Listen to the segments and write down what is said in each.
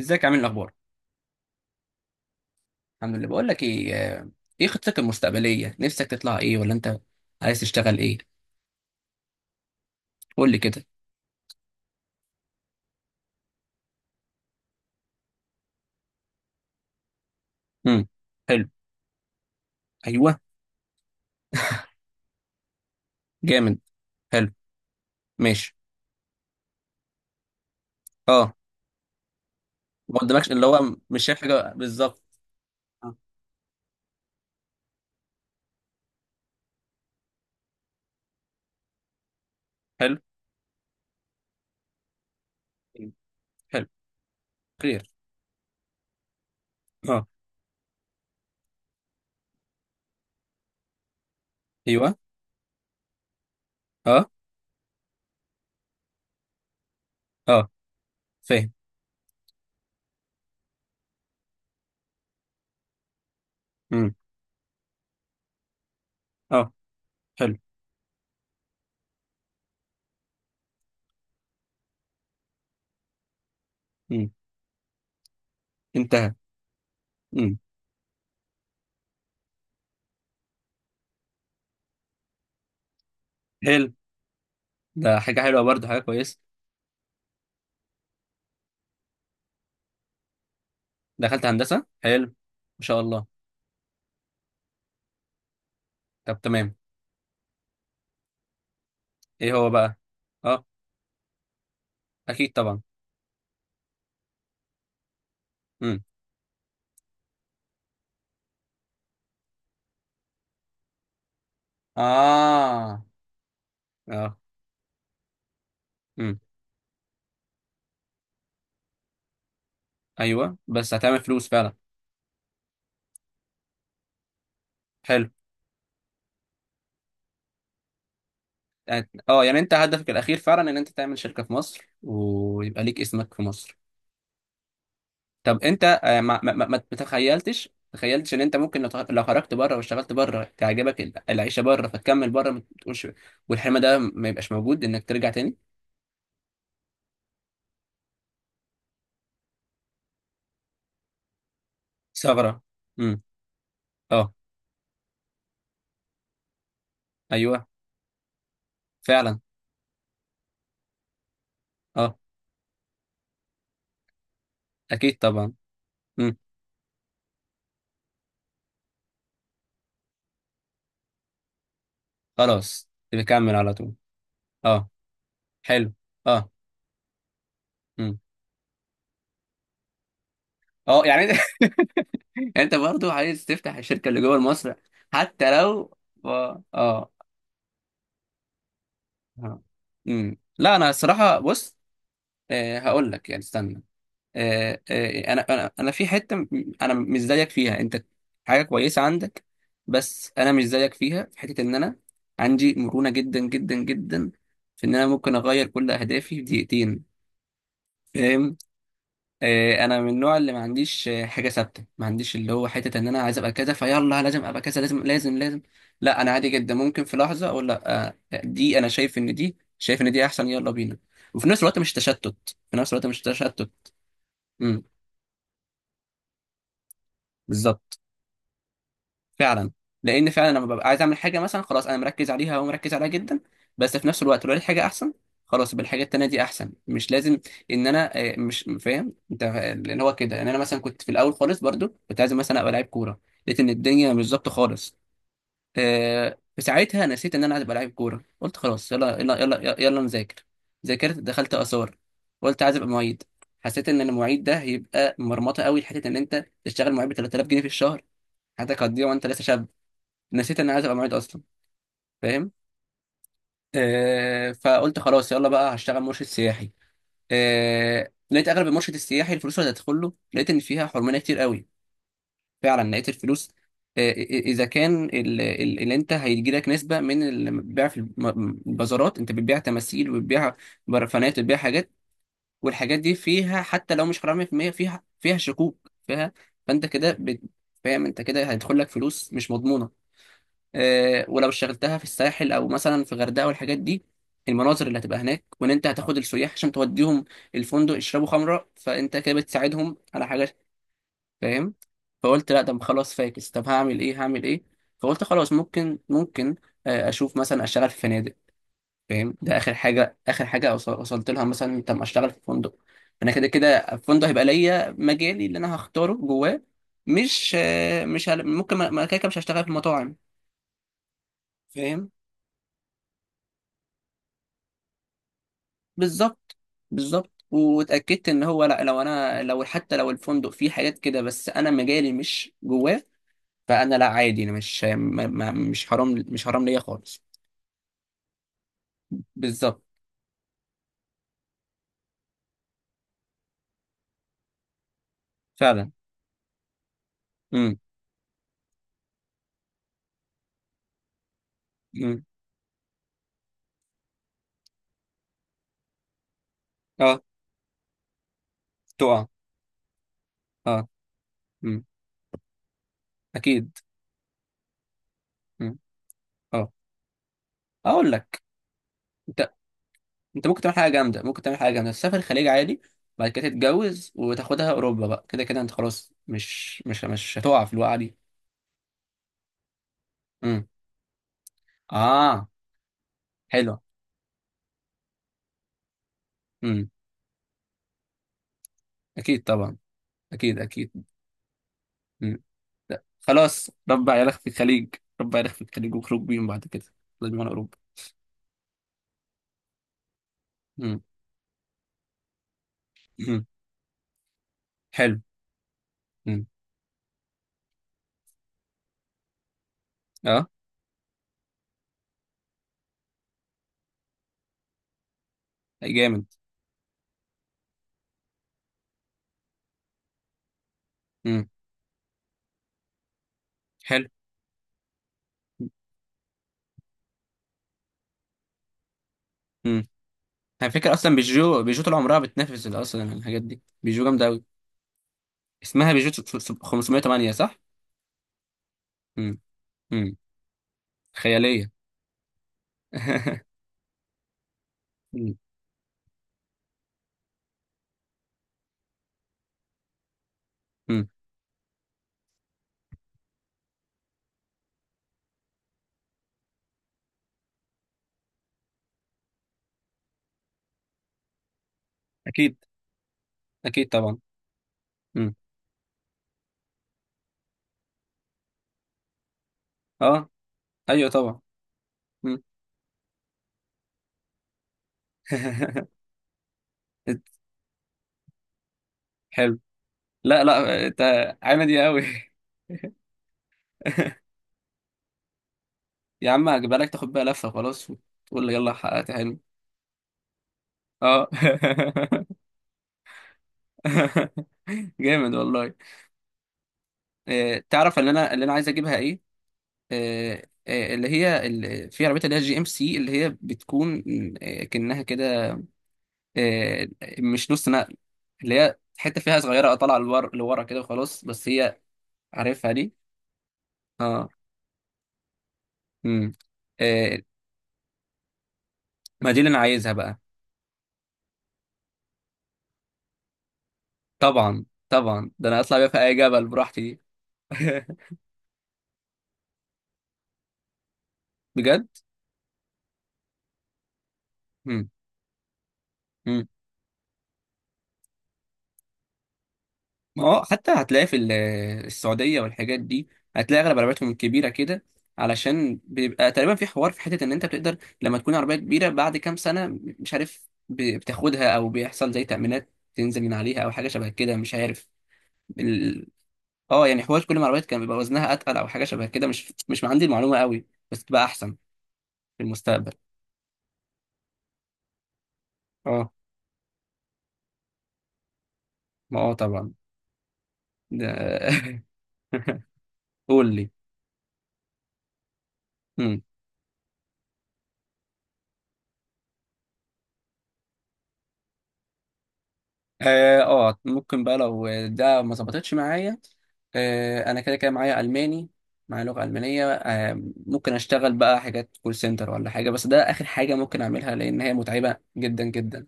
ازيك عامل إيه؟ الاخبار الحمد لله بقول لك ايه ايه خطتك المستقبليه؟ نفسك تطلع ايه ولا انت عايز تشتغل ايه؟ قول لي كده. امم حلو. ايوه، جامد، حلو، ماشي، اه. ما قدامكش، اللي هو مش شايف حاجه بالظبط. آه. حلو، حلو، كلير، اه، ايوه، اه، اه، فاهم، امم اه، حلو. امم انتهى. امم حلو. ده حاجه حلوه برضه، حاجه كويسه. دخلت هندسه، حلو، ما شاء الله. طب تمام، ايه هو بقى؟ اه، اكيد طبعا. مم. اه، اه، امم ايوه بس هتعمل فلوس فعلا. حلو. يعني- اه، يعني انت هدفك الاخير فعلا ان انت تعمل شركه في مصر ويبقى ليك اسمك في مصر؟ طب انت، ما تخيلتش؟ تخيلتش ان انت ممكن لو خرجت بره واشتغلت بره تعجبك العيشه بره فتكمل بره ما تقولش؟ والحلم ده ما يبقاش موجود انك ترجع تاني؟ ثغره. امم اه، ايوه، فعلا، اه، اكيد طبعا. امم خلاص بكمل على طول. اه، حلو، اه، امم اه يعني يعني انت برضو عايز تفتح الشركه اللي جوه مصر؟ حتى لو، اه. اه. لا، انا الصراحه بص. آه، هقول لك، يعني استنى. آه انا في حته م-، انا مش زيك فيها انت. حاجه كويسه عندك، بس انا مش زيك فيها في حته ان انا عندي مرونه جدا جدا جدا، في ان انا ممكن اغير كل اهدافي في دقيقتين. فاهم؟ انا من النوع اللي ما عنديش حاجه ثابته. ما عنديش اللي هو حته ان انا عايز ابقى كذا فيلا، لازم ابقى كذا، لازم لازم لازم. لا، انا عادي جدا، ممكن في لحظه اقول لا، دي انا شايف ان دي، شايف ان دي احسن، يلا بينا. وفي نفس الوقت مش تشتت، في نفس الوقت مش تشتت. امم بالظبط، فعلا. لان فعلا لما ببقى عايز اعمل حاجه مثلا، خلاص انا مركز عليها ومركز عليها جدا. بس في نفس الوقت لو لقيت حاجه احسن، خلاص يبقى الحاجه التانيه دي احسن، مش لازم ان انا، مش فاهم انت اللي هو كده؟ ان انا مثلا كنت في الاول خالص برضو كنت عايز مثلا ابقى لعيب كوره، لقيت ان الدنيا مش ظابطه خالص. في ساعتها نسيت ان انا عايز ابقى لعيب كوره. قلت خلاص، يلا يلا يلا يلا نذاكر. ذاكرت، دخلت اثار، قلت عايز ابقى معيد. حسيت ان المعيد ده هيبقى مرمطه قوي، لحته ان انت تشتغل معيد ب 3000 جنيه في الشهر، حياتك هتضيع وانت لسه شاب. نسيت ان عايز ابقى معيد اصلا. فاهم؟ آه، فقلت خلاص، يلا بقى هشتغل مرشد سياحي. آه، لقيت اغلب المرشد السياحي الفلوس اللي هتدخل له، لقيت ان فيها حرمانيه كتير قوي. فعلا لقيت الفلوس، آه، اذا كان اللي انت هيجي لك نسبه من البيع في البازارات، انت بتبيع تماثيل وبتبيع برفانات وبتبيع حاجات، والحاجات دي فيها حتى لو مش حرام 100%، فيها شكوك فيها. فانت كده فاهم، انت كده هيدخل لك فلوس مش مضمونه. ولو اشتغلتها في الساحل او مثلا في غردقه والحاجات دي، المناظر اللي هتبقى هناك، وان انت هتاخد السياح عشان توديهم الفندق يشربوا خمره، فانت كده بتساعدهم على حاجه. فاهم؟ فقلت لا، طب خلاص فاكس، طب هعمل ايه؟ هعمل ايه؟ فقلت خلاص ممكن، ممكن اشوف مثلا اشتغل في فنادق. فاهم؟ ده اخر حاجه، اخر حاجه وص- وصلت لها مثلا. طب اشتغل في فندق، انا كده كده الفندق هيبقى ليا مجالي اللي انا هختاره جواه. مش مش ممكن كده كده مش هشتغل في المطاعم. فاهم؟ بالظبط، بالظبط. واتاكدت ان هو لا، لو انا لو حتى لو الفندق فيه حاجات كده، بس انا مجالي مش جواه. فانا لا، عادي، انا مش ما ما مش حرام، مش حرام ليا خالص. بالظبط، فعلا. امم امم اه، تقع، اه، امم اكيد، امم اه. اقول لك، انت، انت ممكن تعمل حاجه جامده، ممكن تعمل حاجه جامده، تسافر الخليج عادي، بعد كده تتجوز وتاخدها اوروبا. بقى كده كده انت خلاص مش مش مش هتقع في الوقعه دي. امم اه، حلو، امم اكيد طبعا، اكيد اكيد. مم. لا. خلاص ربع عيالك في الخليج، ربع عيالك في الخليج وخرج بيهم بعد كده، لازم انا اوروبا. مم. مم. حلو. مم. اه، أي جامد. مم. حلو. مم. على فكره اصلا بيجو، بيجو طول عمرها بتنافس اصلا الحاجات دي، بيجو جامده قوي. اسمها بيجو 508 صح؟ مم. مم. خياليه. مم. مم. اكيد، اكيد طبعا. مم. اه، ايوه طبعا. مم. حلو. لا لا، انت عامل ايه قوي! يا عم هجيبها لك تاخد بيها لفة خلاص وتقول لي يلا حققت حلمي. اه. جامد والله. إيه تعرف اللي انا، اللي انا عايز اجيبها ايه؟ إيه، إيه، اللي هي، اللي في عربية، اللي هي جي ام سي، اللي هي بتكون إيه، كأنها كده، إيه، مش نص نقل، اللي هي حتة فيها صغيرة طالعة لورا كده، وخلاص بس هي. عارفها دي؟ اه، امم إيه، ما دي اللي انا عايزها بقى. طبعا طبعا، ده انا اطلع بيها في اي جبل براحتي دي. بجد. مم. ما هو حتى هتلاقي في السعودية والحاجات دي، هتلاقي أغلب عربياتهم الكبيرة كده، علشان بيبقى تقريبا في حوار في حتة إن أنت بتقدر لما تكون عربية كبيرة بعد كام سنة، مش عارف بتاخدها أو بيحصل زي تأمينات تنزل من عليها أو حاجة شبه كده، مش عارف ال... اه، يعني حوار كل ما العربيات كان بيبقى وزنها أتقل، أو حاجة شبه كده، مش عندي المعلومة قوي، بس تبقى أحسن في المستقبل. اه. ما اه طبعا، ده قول لي. مم. اه، ممكن بقى لو ده ما ظبطتش معايا، انا كده كده معايا الماني، معايا لغه المانيه. ممكن اشتغل بقى حاجات كول سنتر ولا حاجه، بس ده اخر حاجه ممكن اعملها، لان هي متعبه جدا جدا.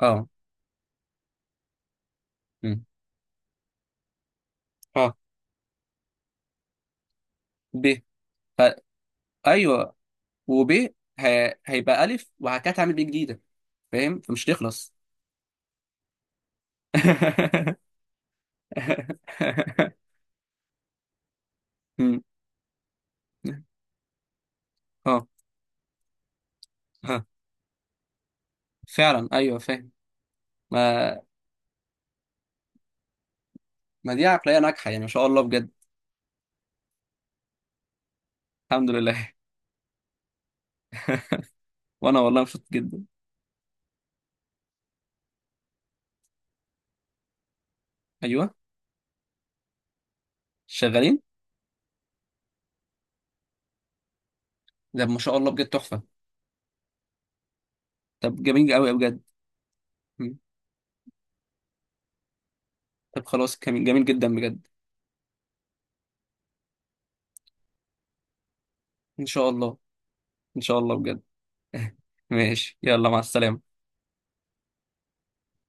اه. مم. اه، ب، ف... ايوه وب، هيبقى الف وهكذا، هعمل ب جديده. فاهم؟ فمش تخلص. مم. اه. ها. فعلا، ايوه فاهم. ما ما دي عقليه ناجحه، يعني ما شاء الله بجد. الحمد لله. وانا والله مبسوط جدا. ايوه، شغالين. ده ما شاء الله بجد تحفه. طب جميل قوي بجد. مم. طب خلاص، جميل جميل جدا بجد. ان شاء الله، ان شاء الله بجد. ماشي، يلا مع السلامة.